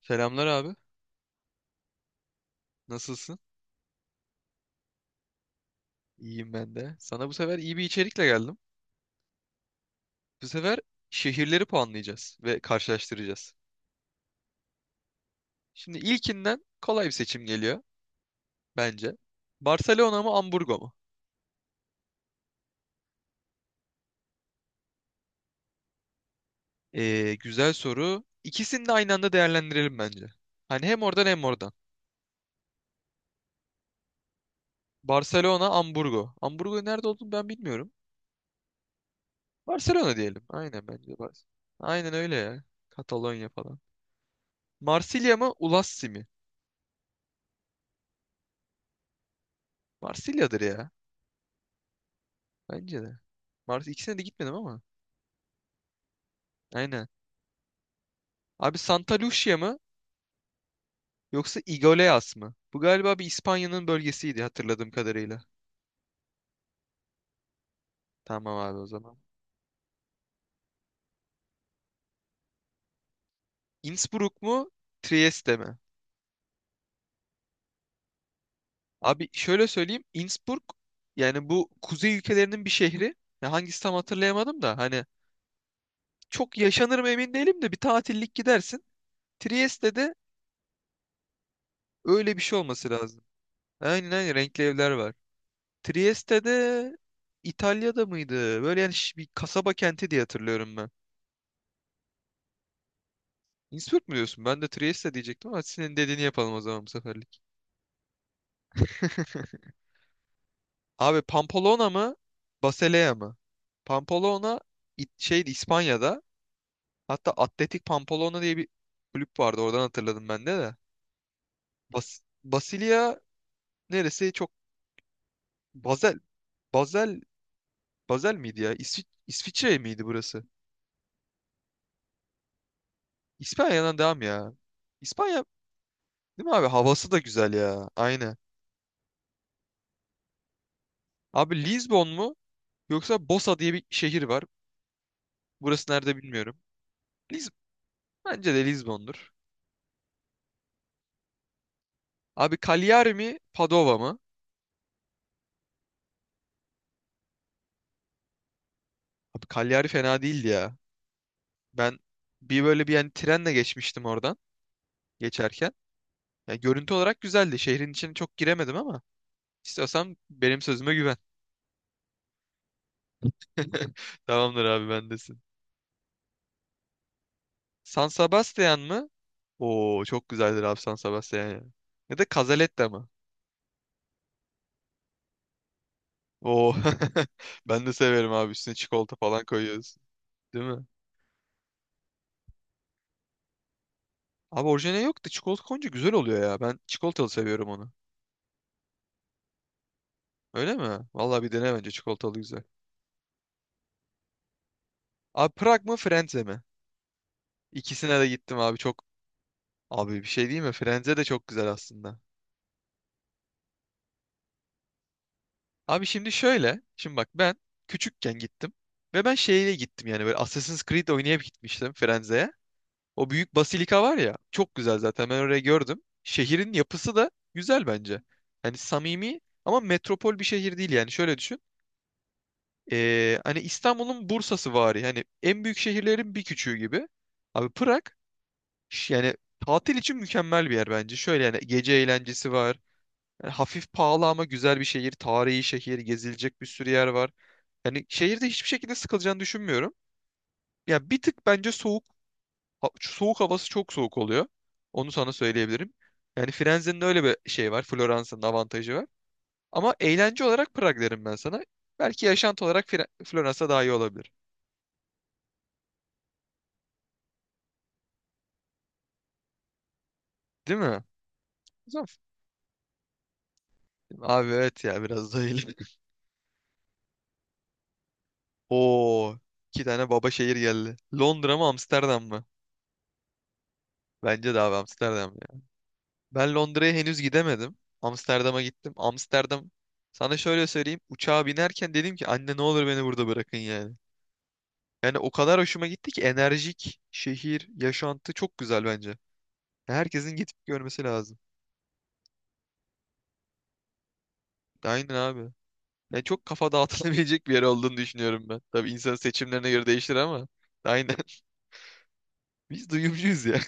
Selamlar abi. Nasılsın? İyiyim ben de. Sana bu sefer iyi bir içerikle geldim. Bu sefer şehirleri puanlayacağız ve karşılaştıracağız. Şimdi ilkinden kolay bir seçim geliyor bence. Barcelona mı Hamburgo mu? Güzel soru. İkisini de aynı anda değerlendirelim bence. Hani hem oradan hem oradan. Barcelona, Hamburgo. Hamburgo nerede olduğunu ben bilmiyorum. Barcelona diyelim. Aynen bence. Aynen öyle ya. Katalonya falan. Marsilya mı Ulassi mi? Marsilya'dır ya. Bence de. Mars ikisine de gitmedim ama. Aynen. Abi Santa Lucia mı yoksa Iglesias mı? Bu galiba bir İspanya'nın bölgesiydi hatırladığım kadarıyla. Tamam abi o zaman. Innsbruck mu Trieste mi? Abi şöyle söyleyeyim Innsbruck yani bu kuzey ülkelerinin bir şehri. Ya hangisi tam hatırlayamadım da hani çok yaşanır mı emin değilim de bir tatillik gidersin. Trieste'de öyle bir şey olması lazım. Aynen aynen renkli evler var. Trieste'de İtalya'da mıydı? Böyle yani bir kasaba kenti diye hatırlıyorum ben. Innsbruck mu diyorsun? Ben de Trieste diyecektim ama hadi senin dediğini yapalım o zaman bu seferlik. Abi Pamplona mı? Basilea mı? Pamplona şeydi İspanya'da. Hatta Atletik Pamplona diye bir kulüp vardı. Oradan hatırladım ben de de. Basilea neresi? Çok Basel. Basel. Basel miydi ya? İsviçre miydi burası? İspanya'dan devam ya. İspanya değil mi abi? Havası da güzel ya. Aynen. Abi Lisbon mu? Yoksa Bosa diye bir şehir var. Burası nerede bilmiyorum. Liz Bence de Lizbon'dur. Abi Cagliari mi Padova mı? Abi Cagliari fena değildi ya. Ben bir böyle bir yani trenle geçmiştim oradan geçerken. Ya görüntü olarak güzeldi. Şehrin içine çok giremedim ama istiyorsan benim sözüme güven. Tamamdır abi bendesin. San Sebastian mı? Oo çok güzeldir abi San Sebastian ya. Ya da Cazaletta mı? Oo ben de severim abi üstüne çikolata falan koyuyoruz. Değil mi? Abi orijinali yok da çikolata koyunca güzel oluyor ya. Ben çikolatalı seviyorum onu. Öyle mi? Vallahi bir dene bence çikolatalı güzel. Abi Prag mı Frenze mi? İkisine de gittim abi çok. Abi bir şey değil mi? Frenze de çok güzel aslında. Abi şimdi şöyle. Şimdi bak ben küçükken gittim. Ve ben şeyle gittim yani böyle Assassin's Creed oynayıp gitmiştim Frenze'ye. O büyük basilika var ya. Çok güzel zaten ben orayı gördüm. Şehrin yapısı da güzel bence. Hani samimi ama metropol bir şehir değil yani. Şöyle düşün. Hani İstanbul'un Bursa'sı var yani en büyük şehirlerin bir küçüğü gibi. Abi Prag Yani tatil için mükemmel bir yer bence. Şöyle yani gece eğlencesi var. Yani hafif pahalı ama güzel bir şehir. Tarihi şehir. Gezilecek bir sürü yer var. Yani şehirde hiçbir şekilde sıkılacağını düşünmüyorum. Ya bir tık bence soğuk. Soğuk havası çok soğuk oluyor. Onu sana söyleyebilirim. Yani Firenze'nin öyle bir şey var. Floransa'nın avantajı var. Ama eğlence olarak Prag derim ben sana. Belki yaşantı olarak Floransa daha iyi olabilir. Değil mi? O zaman- Abi evet ya biraz da öyle. Oo, iki tane baba şehir geldi. Londra mı Amsterdam mı? Bence de abi Amsterdam ya. Ben Londra'ya henüz gidemedim. Amsterdam'a gittim. Amsterdam sana şöyle söyleyeyim. Uçağa binerken dedim ki anne ne olur beni burada bırakın yani. Yani o kadar hoşuma gitti ki enerjik şehir, yaşantı çok güzel bence. Herkesin gidip görmesi lazım. Aynen abi. Yani çok kafa dağıtılabilecek bir yer olduğunu düşünüyorum ben. Tabii insan seçimlerine göre değişir ama. Aynen. Biz duyumcuyuz ya.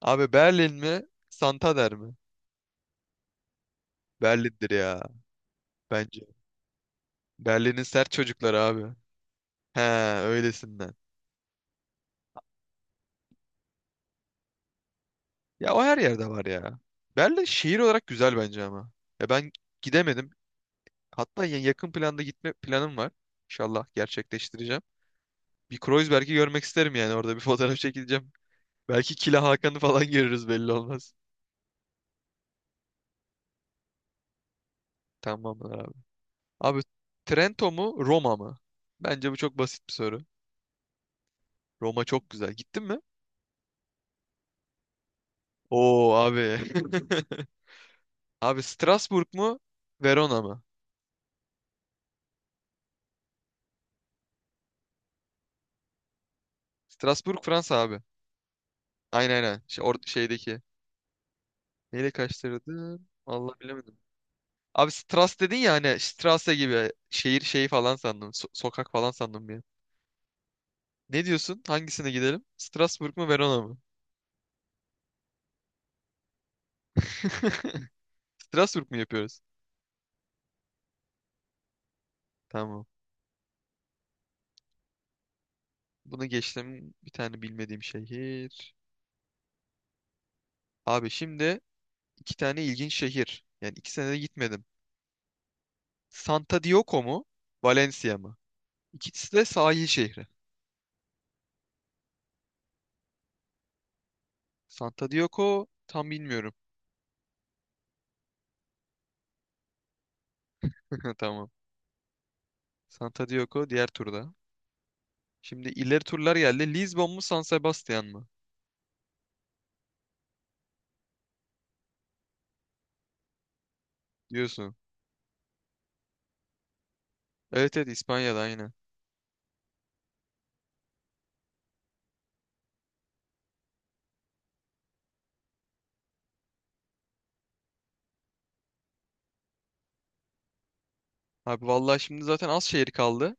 Abi Berlin mi? Santander mi? Berlin'dir ya bence. Berlin'in sert çocukları abi. He öylesinden. Ya o her yerde var ya. Berlin şehir olarak güzel bence ama. Ya ben gidemedim. Hatta yakın planda gitme planım var. İnşallah gerçekleştireceğim. Bir Kreuzberg'i görmek isterim yani orada bir fotoğraf çekileceğim. Belki Kila Hakan'ı falan görürüz belli olmaz. Tamamdır abi. Abi Trento mu Roma mı? Bence bu çok basit bir soru. Roma çok güzel. Gittin mi? Oo abi. Abi Strasbourg mu Verona mı? Strasbourg Fransa abi. Aynen aynen. Şey, or şeydeki. Neyle karıştırdım? Allah bilemedim. Abi Stras dedin ya hani Strasse gibi şehir şeyi falan sandım. Sokak falan sandım bir an. Ne diyorsun? Hangisine gidelim? Strasbourg mu Verona mı? Strasbourg mu yapıyoruz? Tamam. Bunu geçtim. Bir tane bilmediğim şehir. Abi şimdi iki tane ilginç şehir. Yani iki sene de gitmedim. Santa Dioco mu? Valencia mı? İkisi de sahil şehri. Santa Dioco tam bilmiyorum. Tamam. Santa Diogo diğer turda. Şimdi ileri turlar geldi. Lisbon mu San Sebastian mı? Diyorsun. Evet evet İspanya'da aynı. Abi vallahi şimdi zaten az şehir kaldı.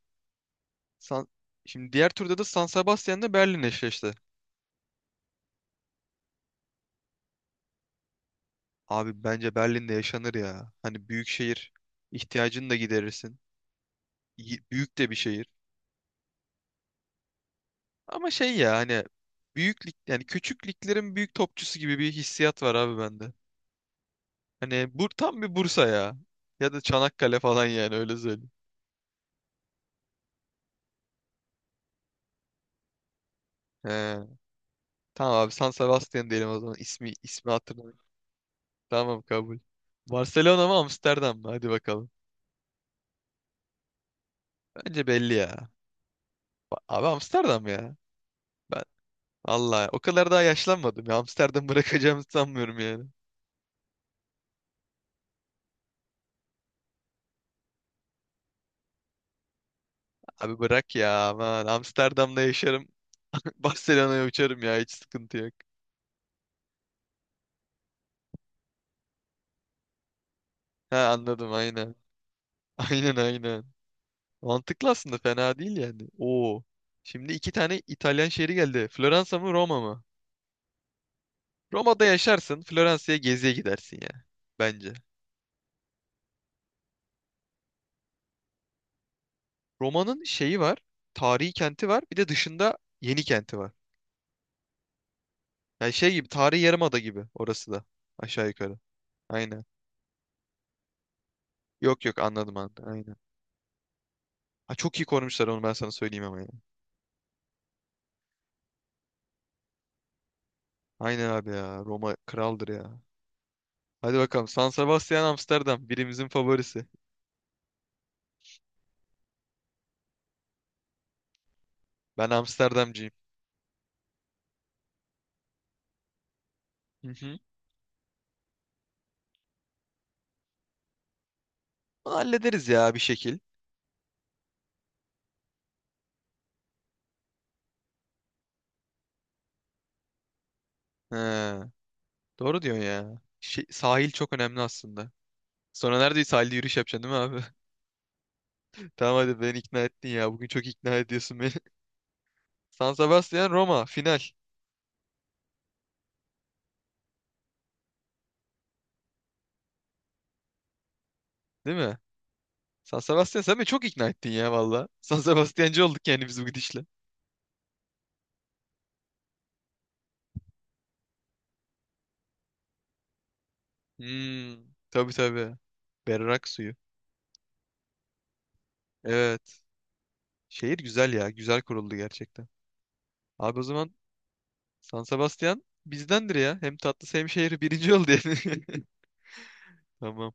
San... Şimdi diğer turda da San Sebastian'la Berlin eşleşti. Abi bence Berlin'de yaşanır ya. Hani büyük şehir ihtiyacını da giderirsin. Büyük de bir şehir. Ama şey ya hani büyük lig yani küçük liglerin büyük topçusu gibi bir hissiyat var abi bende. Hani bu tam bir Bursa ya. Ya da Çanakkale falan yani öyle söyleyeyim. He. Tamam abi San Sebastian diyelim o zaman. İsmi hatırlamıyorum. Tamam kabul. Barcelona mı Amsterdam mı? Hadi bakalım. Bence belli ya. Abi Amsterdam ya. Ben Allah o kadar daha yaşlanmadım ya. Amsterdam bırakacağımı sanmıyorum yani. Abi bırak ya aman. Amsterdam'da yaşarım. Barcelona'ya uçarım ya. Hiç sıkıntı yok. Ha anladım aynen. Aynen aynen. Mantıklı aslında fena değil yani. Oo. Şimdi iki tane İtalyan şehri geldi. Floransa mı Roma mı? Roma'da yaşarsın, Floransa'ya geziye gidersin ya. Bence. Roma'nın şeyi var, tarihi kenti var, bir de dışında yeni kenti var. Yani şey gibi, tarihi yarımada gibi orası da. Aşağı yukarı. Aynen. Yok yok anladım anladım. Aynen. Ha, çok iyi korumuşlar onu ben sana söyleyeyim ama ya. Aynen abi ya. Roma kraldır ya. Hadi bakalım. San Sebastian Amsterdam. Birimizin favorisi. Ben Amsterdamcıyım. Hı hı. Bunu hallederiz ya bir şekil. He, doğru diyorsun ya. Şey, sahil çok önemli aslında. Sonra nerede sahilde yürüyüş yapacaksın değil mi abi? Tamam hadi beni ikna ettin ya. Bugün çok ikna ediyorsun beni. San Sebastian Roma final. Değil mi? San Sebastian sen beni çok ikna ettin ya valla. San Sebastiancı olduk yani biz bu gidişle. Hmm, tabii tabii. Berrak suyu. Evet. Şehir güzel ya. Güzel kuruldu gerçekten. Abi o zaman San Sebastian bizdendir ya. Hem tatlı hem şehri birinci oldu yani. Tamam.